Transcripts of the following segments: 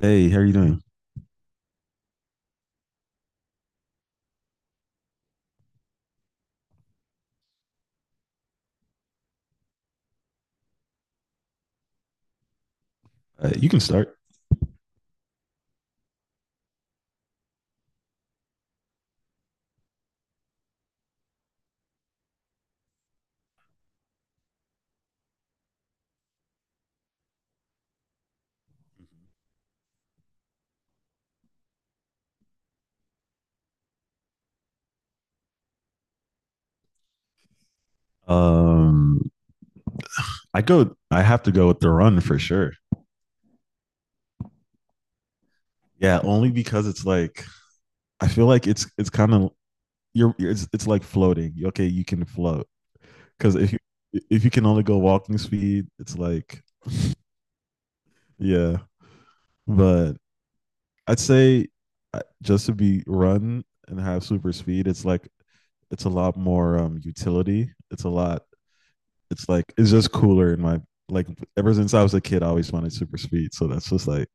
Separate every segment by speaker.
Speaker 1: Hey, how are you doing? You can start. Um, I go. I have to go with the run for sure. Yeah, only because it's like I feel like it's kind of it's like floating. Okay, you can float because if you can only go walking speed, it's like yeah. But I'd say just to be run and have super speed, it's like it's a lot more utility. It's a lot. It's just cooler in my like ever since I was a kid, I always wanted super speed. So that's just like.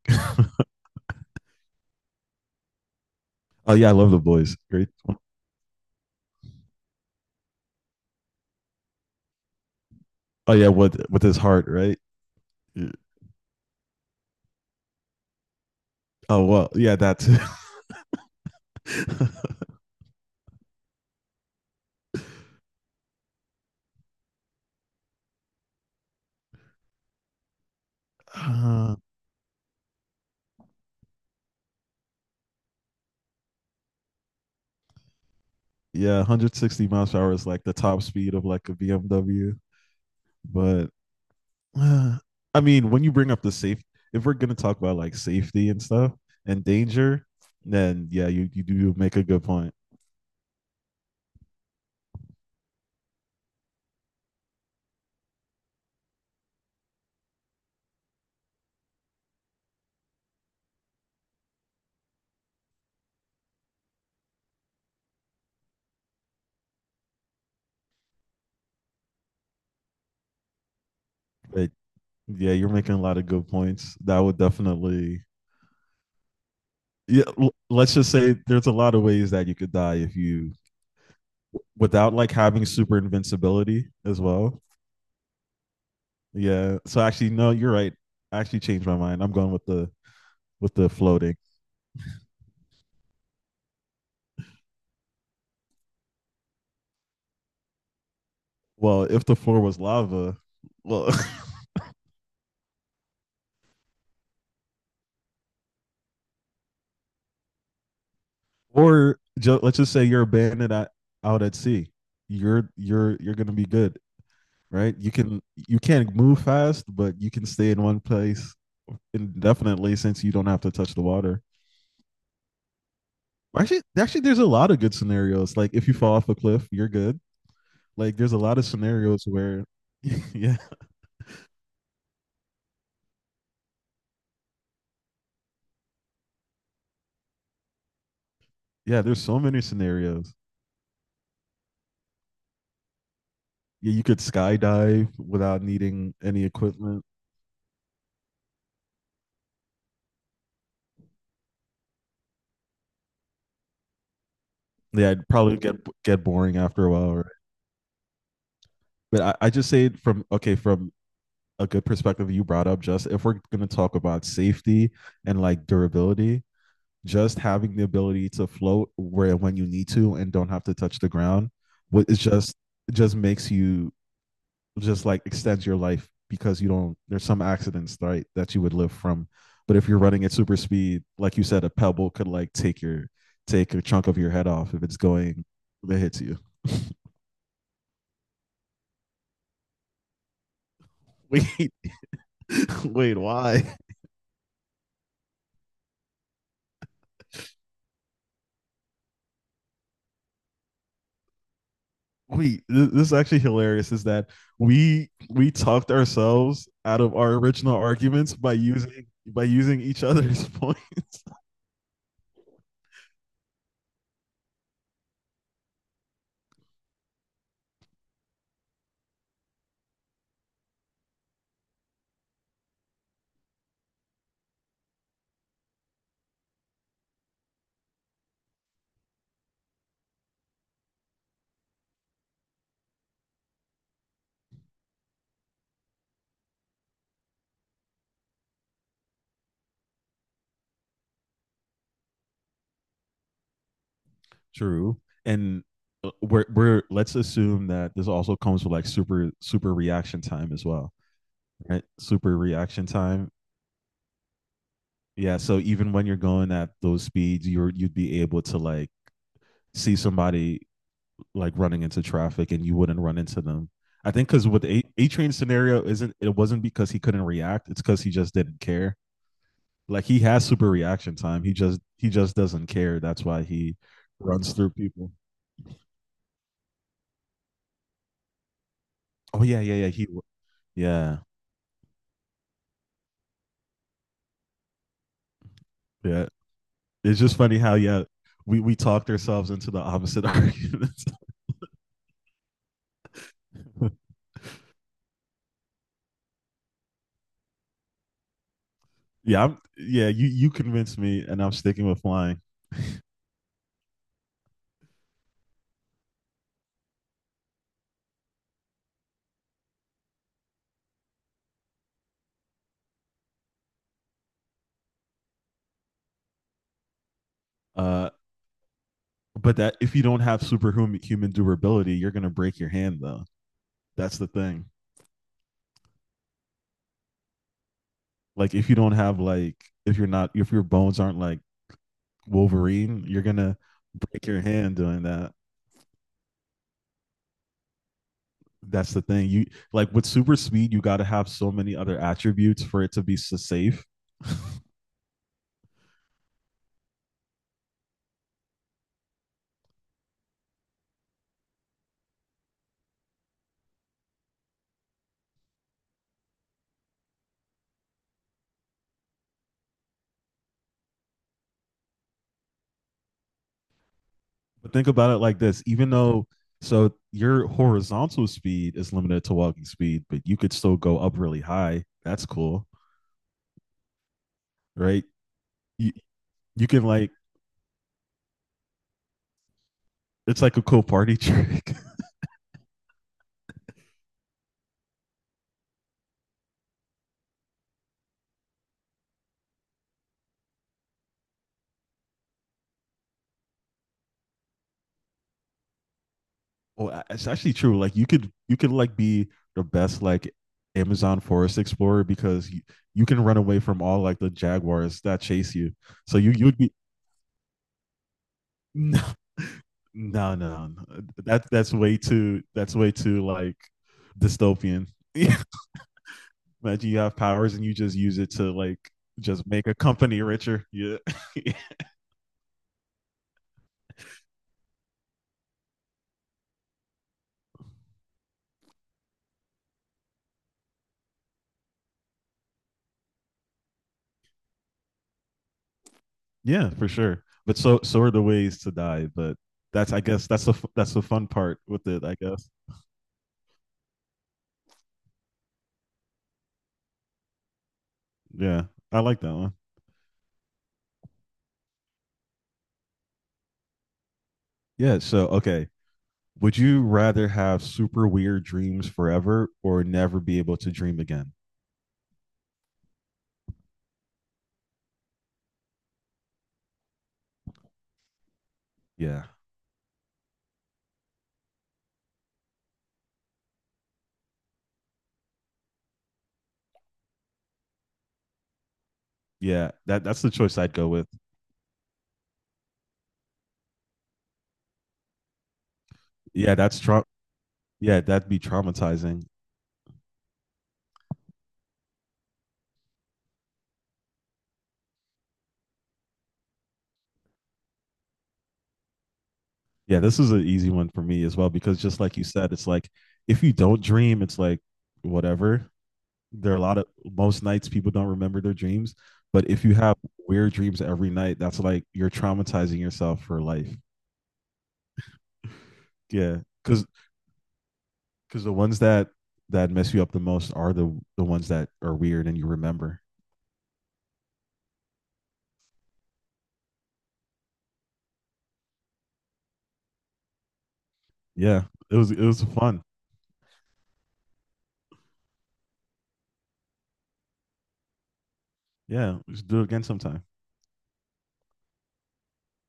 Speaker 1: Oh yeah, I love the boys. Great one. Oh yeah, with his heart, right? Yeah. Oh well, yeah, that's uh, yeah, 160 miles per hour is like the top speed of like a BMW. But uh, I mean, when you bring up the safe, if we're gonna talk about like safety and stuff and danger, then yeah, you do make a good point. But yeah, you're making a lot of good points. That would definitely yeah. Let's just say there's a lot of ways that you could die if you without like having super invincibility as well. Yeah. So actually, no, you're right. I actually changed my mind. I'm going with the floating. Well, if the floor was lava, well, let's just say you're abandoned at, out at sea, you're gonna be good, right? You can you can't move fast, but you can stay in one place indefinitely since you don't have to touch the water. Actually, there's a lot of good scenarios. Like if you fall off a cliff, you're good. Like there's a lot of scenarios where yeah, yeah, there's so many scenarios. Yeah, you could skydive without needing any equipment. Yeah, it'd probably get boring after a while, right? I just say it from okay, from a good perspective you brought up, just if we're gonna talk about safety and like durability, just having the ability to float where when you need to and don't have to touch the ground, what is just it just makes you just like extends your life because you don't there's some accidents right that you would live from but if you're running at super speed like you said a pebble could like take your take a chunk of your head off if it's going that hits you. wait why wait, this is actually hilarious is that we talked ourselves out of our original arguments by using each other's points. True. And we're let's assume that this also comes with like super reaction time as well, right? Super reaction time. Yeah, so even when you're going at those speeds, you'd be able to like see somebody like running into traffic and you wouldn't run into them. I think because with a train scenario isn't it wasn't because he couldn't react, it's because he just didn't care. Like he has super reaction time. He just doesn't care. That's why he runs through people. Oh yeah, yeah, yeah. He yeah, yeah. It's just funny how yeah we talked ourselves into the opposite arguments. yeah, I'm yeah. You convinced me, and I'm sticking with flying. Uh, but that if you don't have superhuman human durability, you're gonna break your hand though. That's the thing. Like if you don't have like if you're not if your bones aren't like Wolverine, you're gonna break your hand doing that. That's the thing. You like with super speed, you got to have so many other attributes for it to be so safe. But think about it like this, even though so your horizontal speed is limited to walking speed, but you could still go up really high. That's cool, right? You you can like it's like a cool party trick. Oh, it's actually true. Like you could like be the best like Amazon Forest Explorer because you can run away from all like the jaguars that chase you. So you'd be no no. That's way too like dystopian. Imagine you have powers and you just use it to like just make a company richer. Yeah. yeah, for sure. But so so are the ways to die, but that's I guess that's the fun part with it, I guess. Yeah. I like that one. Yeah, so okay. Would you rather have super weird dreams forever or never be able to dream again? Yeah. Yeah, that that's the choice I'd go with. Yeah, yeah, that'd be traumatizing. Yeah, this is an easy one for me as well because just like you said, it's like if you don't dream, it's like whatever. There are a lot of most nights people don't remember their dreams, but if you have weird dreams every night, that's like you're traumatizing yourself for life. Yeah, because the ones that mess you up the most are the ones that are weird and you remember. Yeah, it was fun. Yeah, we should do it again sometime.